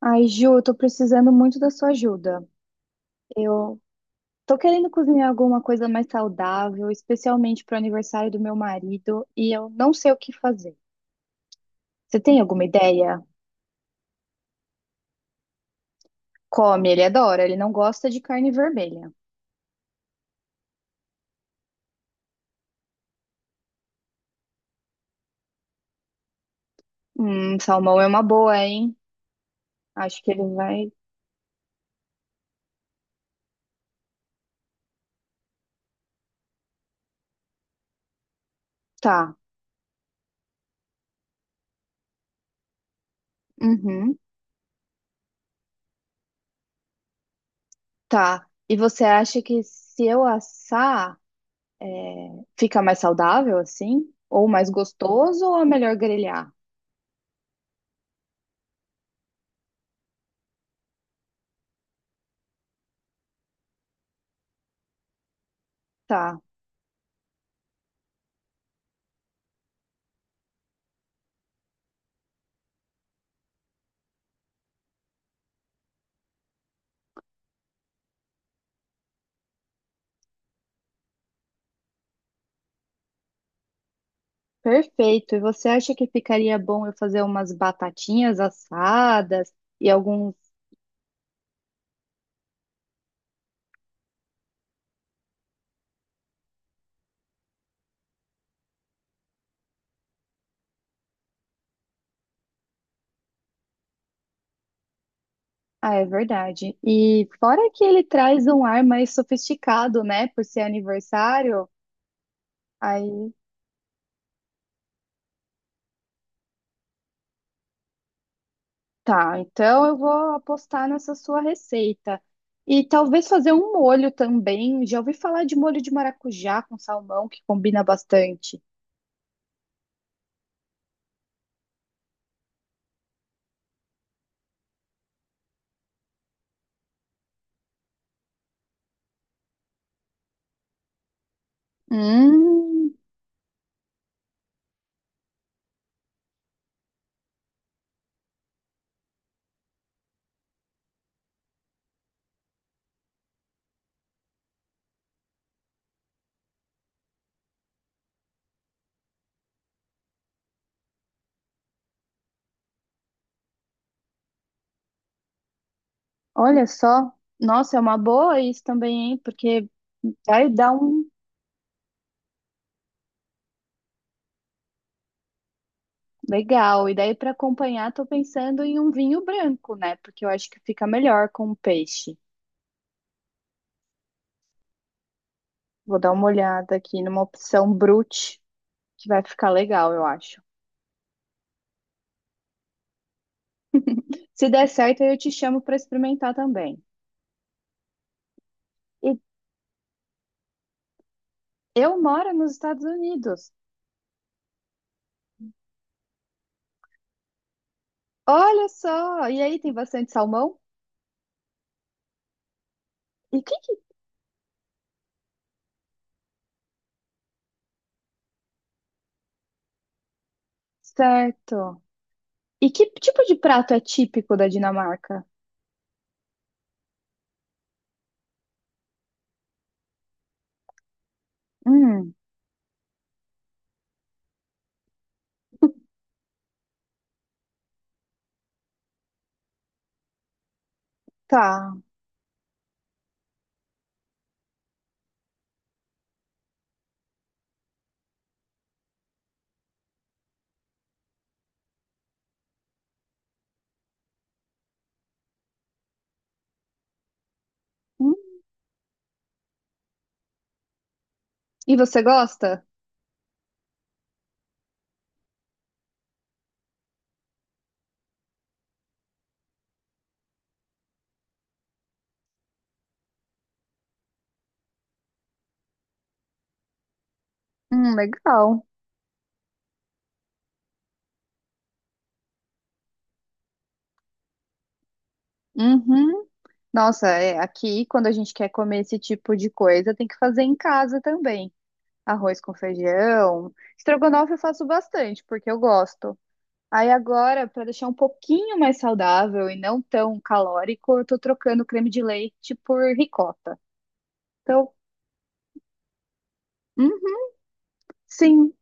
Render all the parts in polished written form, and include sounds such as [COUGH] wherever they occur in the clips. Ai, Ju, eu tô precisando muito da sua ajuda. Eu tô querendo cozinhar alguma coisa mais saudável, especialmente pro aniversário do meu marido, e eu não sei o que fazer. Você tem alguma ideia? Come, ele adora, ele não gosta de carne vermelha. Salmão é uma boa, hein? Acho que ele vai. Tá. Uhum, tá. E você acha que se eu assar, fica mais saudável assim? Ou mais gostoso, ou é melhor grelhar? Tá. Perfeito. E você acha que ficaria bom eu fazer umas batatinhas assadas e alguns. Ah, é verdade. E fora que ele traz um ar mais sofisticado, né? Por ser aniversário. Aí tá. Então eu vou apostar nessa sua receita. E talvez fazer um molho também. Já ouvi falar de molho de maracujá com salmão, que combina bastante. Hum, olha só. Nossa, é uma boa isso também, hein? Porque. Vai dar um- Legal. E daí para acompanhar, tô pensando em um vinho branco, né? Porque eu acho que fica melhor com o peixe. Vou dar uma olhada aqui numa opção brute, que vai ficar legal, eu acho. Se der certo, eu te chamo para experimentar também. E eu moro nos Estados Unidos. Olha só! E aí tem bastante salmão? E que certo! E que tipo de prato é típico da Dinamarca? Hum, tá. Hum. E você gosta? Legal. Uhum. Nossa, é, aqui quando a gente quer comer esse tipo de coisa, tem que fazer em casa também. Arroz com feijão. Estrogonofe eu faço bastante, porque eu gosto. Aí agora, para deixar um pouquinho mais saudável e não tão calórico, eu tô trocando creme de leite por ricota. Então, uhum, sim.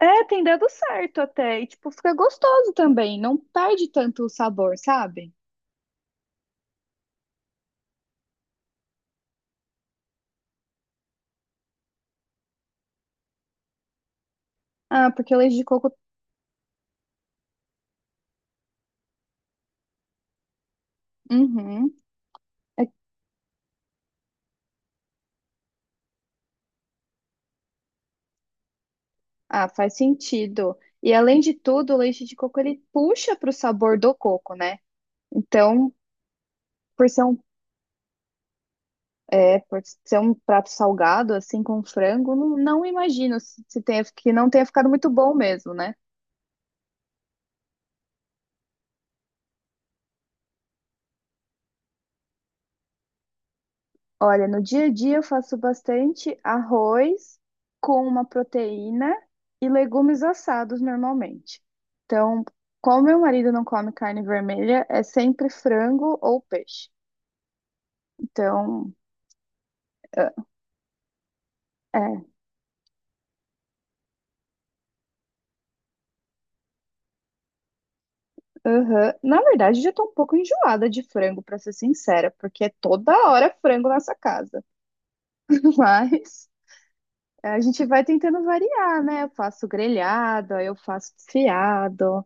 É, tem dado certo até. E, tipo, fica gostoso também. Não perde tanto o sabor, sabe? Ah, porque o leite de coco. Uhum. Ah, faz sentido. E além de tudo, o leite de coco ele puxa para o sabor do coco, né? Então, por ser um, é, por ser um prato salgado, assim, com frango, não, não imagino se, que não tenha ficado muito bom mesmo, né? Olha, no dia a dia eu faço bastante arroz com uma proteína e legumes assados normalmente. Então, como meu marido não come carne vermelha, é sempre frango ou peixe. Então, é, Aham. Na verdade, já tô um pouco enjoada de frango, pra ser sincera, porque é toda hora frango nessa casa. [LAUGHS] Mas a gente vai tentando variar, né? Eu faço grelhado, aí eu faço desfiado.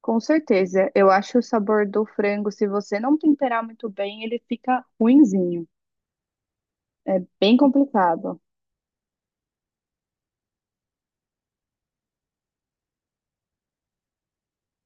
Com certeza, eu acho o sabor do frango, se você não temperar muito bem, ele fica ruinzinho. Bem complicado.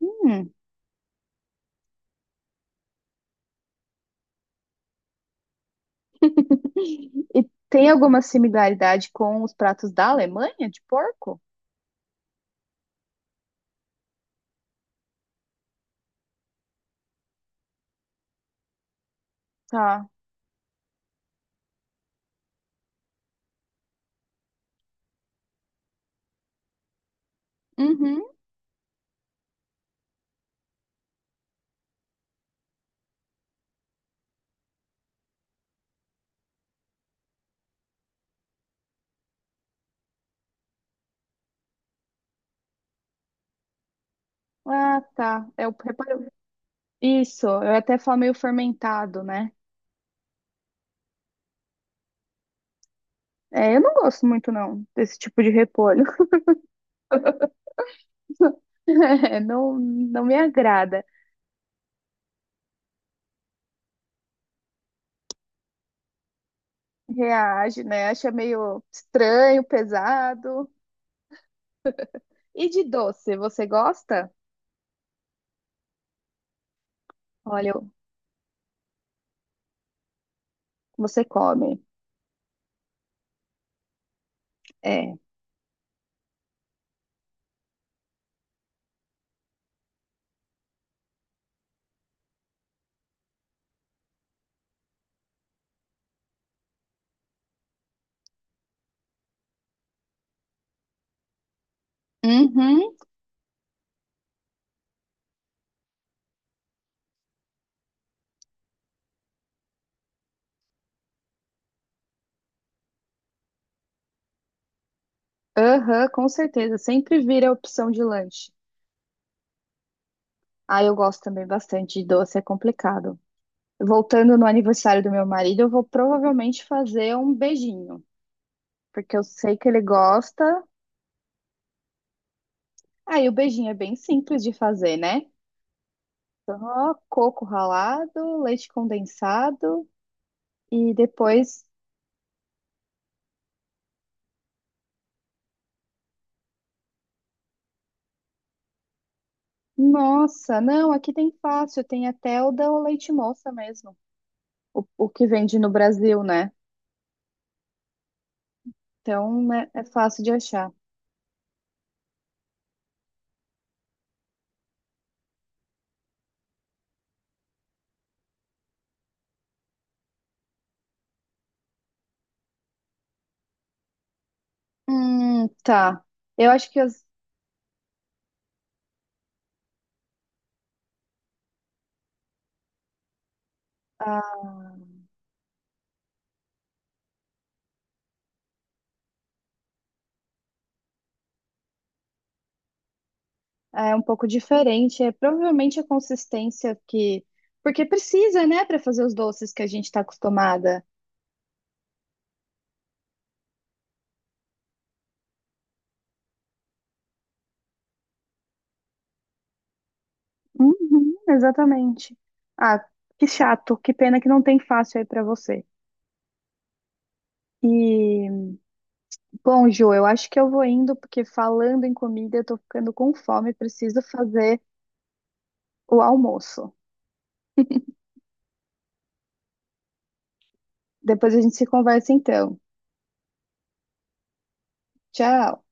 Hum. E tem alguma similaridade com os pratos da Alemanha de porco? Tá. Uhum. Ah, tá. Eu preparo. Isso, eu até falo meio fermentado, né? É, eu não gosto muito, não, desse tipo de repolho. [LAUGHS] É, não, não me agrada. Reage, né? Acha meio estranho, pesado. E de doce, você gosta? Olha, você come. É. Uhum, aham, com certeza. Sempre vira a opção de lanche. Ah, eu gosto também bastante de doce, é complicado. Voltando no aniversário do meu marido, eu vou provavelmente fazer um beijinho, porque eu sei que ele gosta. Ah, e o beijinho é bem simples de fazer, né? Só coco ralado, leite condensado e depois. Nossa, não, aqui tem fácil, tem até o da leite moça mesmo, o que vende no Brasil, né? Então, né, é fácil de achar. Tá. Eu acho que as- a- é um pouco diferente. É provavelmente a consistência que. Porque precisa, né, para fazer os doces que a gente está acostumada. Uhum, exatamente. Ah, que chato, que pena que não tem fácil aí pra você. E, bom, Ju, eu acho que eu vou indo, porque falando em comida, eu tô ficando com fome, preciso fazer o almoço. Depois a gente se conversa então. Tchau.